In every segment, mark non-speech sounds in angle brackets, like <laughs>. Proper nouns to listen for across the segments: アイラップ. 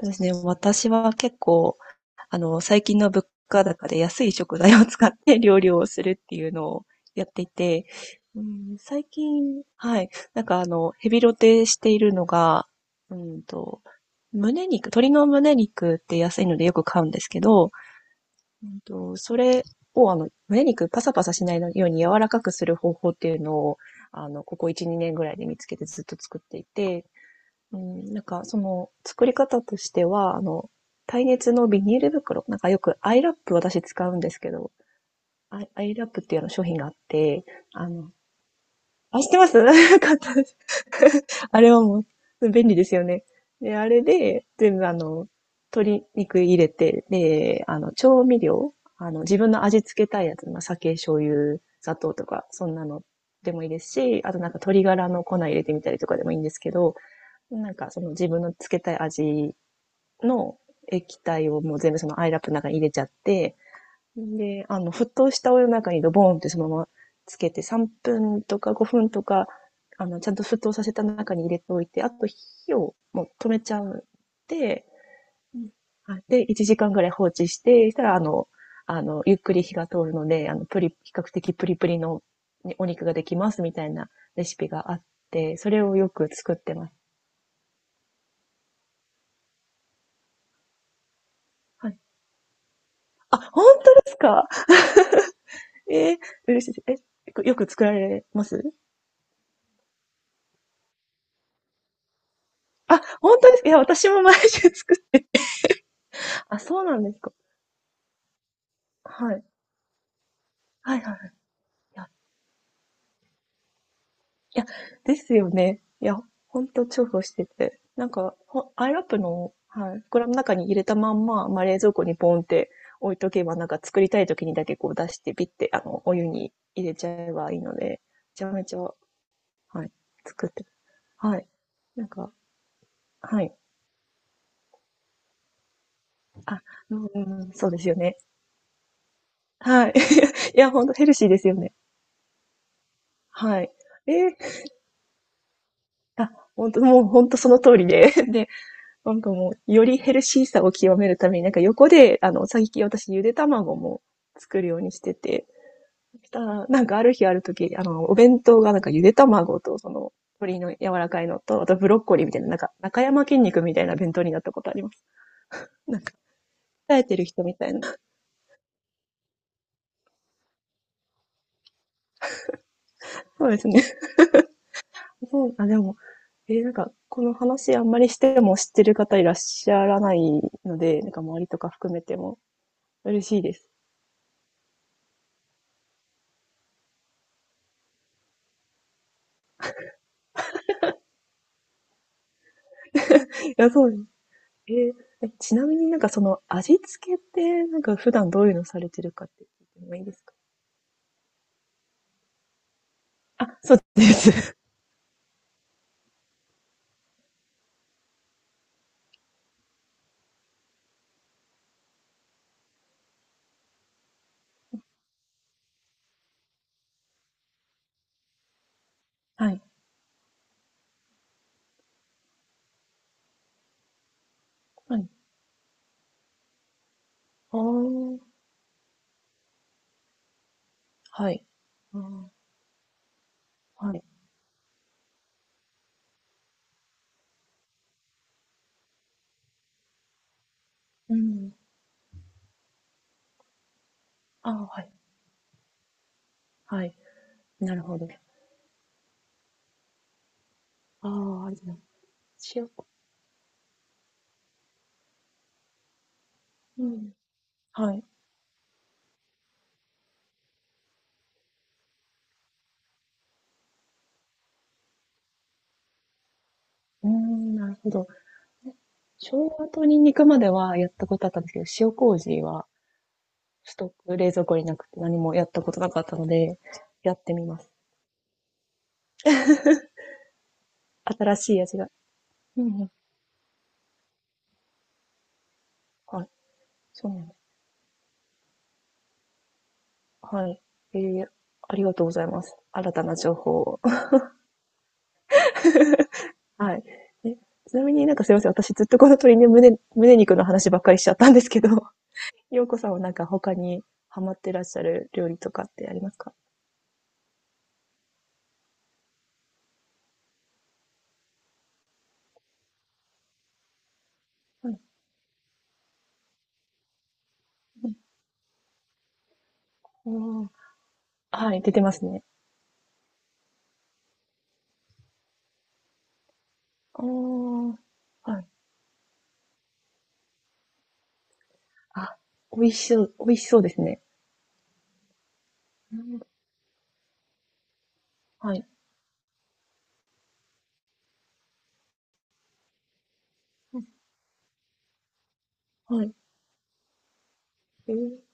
そうですね。私は結構、最近の物価高で安い食材を使って <laughs> 料理をするっていうのをやっていて、うん、最近、はい、なんかヘビロテしているのが、うんと、胸肉、鶏の胸肉って安いのでよく買うんですけど、それを胸肉パサパサしないように柔らかくする方法っていうのを、ここ1、2年ぐらいで見つけてずっと作っていて、うん、なんか、その、作り方としては、耐熱のビニール袋、なんかよくアイラップ私使うんですけど、アイラップっていうような商品があって、あの、あ、知ってます。 <laughs> よかったです。<laughs> あれはもう、便利ですよね。で、あれで、全部鶏肉入れて、で、調味料、自分の味付けたいやつ、まあ、酒、醤油、砂糖とか、そんなのでもいいですし、あとなんか鶏ガラの粉入れてみたりとかでもいいんですけど、なんかその自分のつけたい味の液体をもう全部そのアイラップの中に入れちゃって、で、沸騰したお湯の中にドボーンってそのままつけて、3分とか5分とか、ちゃんと沸騰させた中に入れておいて、あと火をもう止めちゃう。で、はい、で、1時間ぐらい放置して、したらゆっくり火が通るので、比較的プリプリのねお肉ができますみたいなレシピがあって、それをよく作ってます。はい。あ、本当ですか？ええ、嬉しい。え、よく作られます？あ、本当ですか？いや、私も毎週作って。<laughs> あ、そうなんですか。はい。はいはいはい。いや、いや、ですよね。いや、ほんと重宝してて。なんか、アイラップの、はい、袋の中に入れたまんま、まあ、冷蔵庫にポンって置いとけば、なんか作りたい時にだけこう出して、ピッて、お湯に入れちゃえばいいので、めちゃめちゃ、はい、作って、はい。なんか、はい。あ、うんうんうん、そうですよね。はい。いや、ほんとヘルシーですよね。はい。ええ、あ、ほんと、もうほんとその通りで、<laughs> で、なんかもう、よりヘルシーさを極めるために、なんか横で、最近私ゆで卵も作るようにしてて、したら、なんかある日ある時、お弁当がなんかゆで卵とその、鶏の柔らかいのと、あとブロッコリーみたいな、なんか、中山筋肉みたいな弁当になったことあります。なんか、鍛えてる人みたいな。<laughs> そうですね。そう、あ、でも、なんか、この話あんまりしても知ってる方いらっしゃらないので、なんか周りとか含めても嬉しいです。いや、そうです。えーえちなみになんかその味付けって、なんか普段どういうのされてるかって聞いてもいいですか？あ、そうです。<laughs> はい。はい。あー、はい。あー、はい。うん。あー、はい。はい。なるほど。ああ、じゃありが塩。うん。はい。うーん、なるほど。生姜とニンニクまではやったことあったんですけど、塩麹はストック、冷蔵庫になくて何もやったことなかったので、やってみます。新しい味が。うんうん。はい。そうなの。はい。えー、ありがとうございます。新たな情報を。<laughs> はい。え、ちなみになんかすいません。私ずっとこの鳥の胸肉の話ばっかりしちゃったんですけど、<laughs> ようこさんはなんか他にハマってらっしゃる料理とかってありますか？はい。うん、おー、はい、出てますね。あー、はい。あ、美味しそうですね。うん。はい。はい。ええ、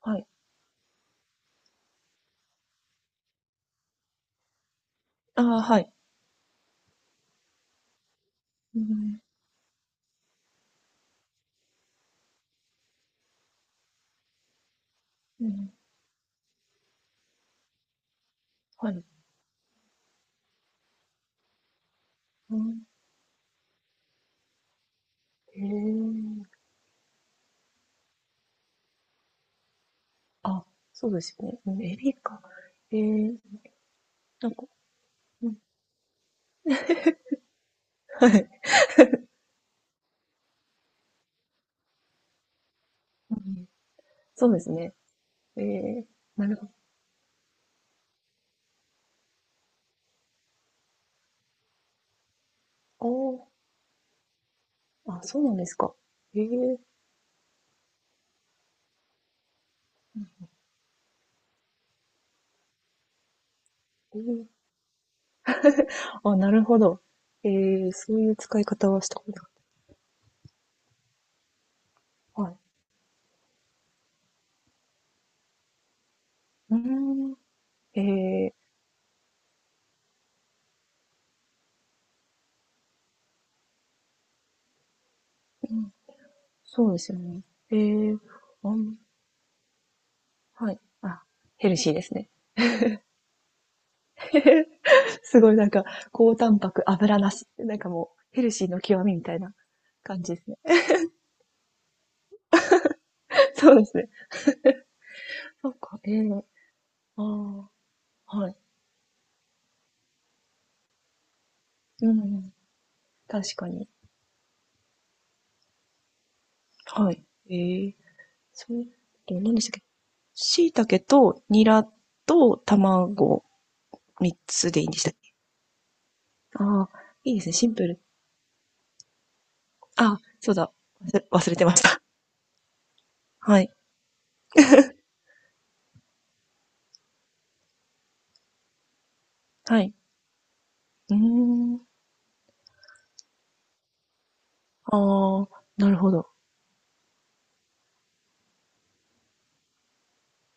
はい。ああ、はい。うん、うん、はい。うん。えー、あ、そうですよね。うん、エビか。ええ、なんか、うん、はい。うん。そうですね。ええ、なるほああ、あ、そうなんですか。ええ。うん。えー、あ、なるほど。ええ、そういう使い方はしたことない。はい。うーん。ええ、うん。そうですよね。ええ、あん、はい。あ、ヘルシーですね。<laughs> すごいなんか、高タンパク、油なし。なんかもう、ヘルシーの極みみたいな感じですね。<laughs> そうですね。そっか、ええ、ああ、はい。うん、確かに。はい。ええ、そう、え、何でしたっけ？椎茸とニラと卵3つでいいんでしたっけ？ああ、いいですね。シンプル。あ、そうだ。忘れてました。<laughs> はい。はい。うーん。ああ、なるほど。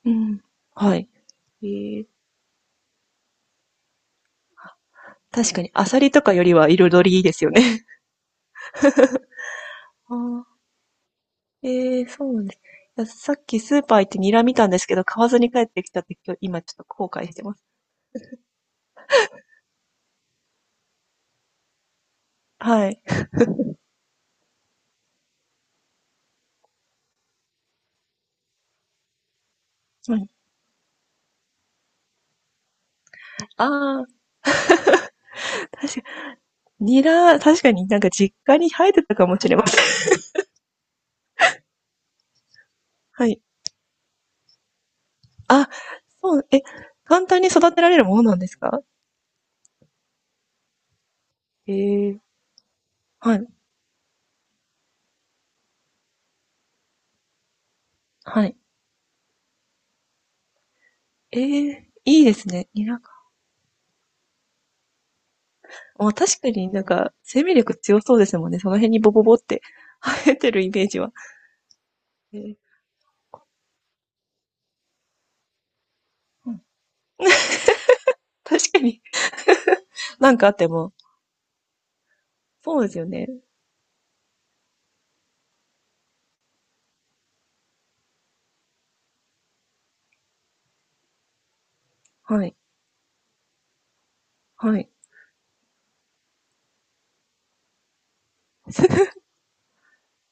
うん。はい。えー、確かに、アサリとかよりは彩りいいですよね。<laughs> あー、えー、そうなんです。いや、さっきスーパー行ってニラ見たんですけど、買わずに帰ってきたって、き日今ちょっと後悔してます。はい。うん。ああ、確かにニラ、確かになんか実家に生えてたかもしれません。<laughs> はい。あ、そう、え、簡単に育てられるものなんですか？えー、はい、はい。えー、いいですね、ニラか。ま、確かになんか生命力強そうですもんね。その辺にボボボって生えてるイメージは。ええ、うん。確かに。<laughs> なんかあっても。そうですよね。はい。はい。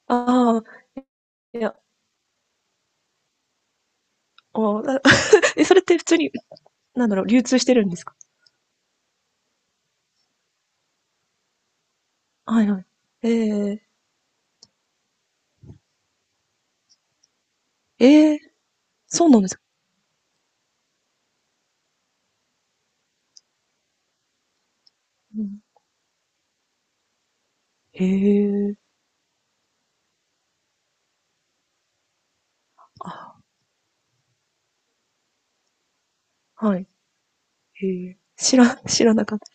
ああ、いや、おな。 <laughs> え、それって普通に、なんだろう、流通してるんですか？はいはい。えええ、そうなんですか、うん、へえ。あ、はい。へえ。知らなかった。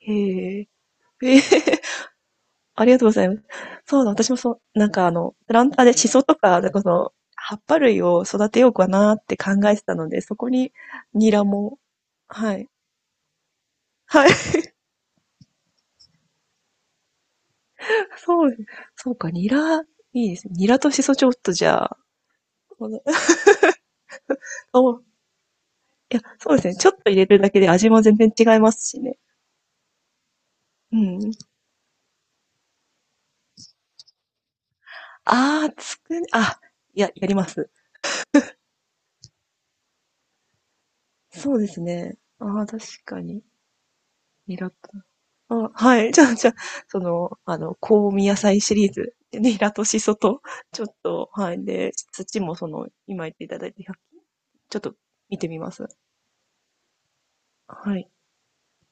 へえ。ええ。<laughs> ありがとうございます。そうだ、私もそう、なんかプランターでシソとか、なんかその、葉っぱ類を育てようかなって考えてたので、そこにニラも、はい。はい。そうです、そうか、ニラ、いいですね。ニラとシソちょっとじゃあ、この。 <laughs> お、いや、そうですね。ちょっと入れるだけで味も全然違いますしね。うん。ああ、つくね、あ、いや、やります。そうですね。ああ、確かに。ニラと。あ、はい。じゃあ、その、香味野菜シリーズ。ニラとシソと、ちょっと、はい。で、土もその、今言っていただいて、ひゃく、ちょっと見てみます。はい。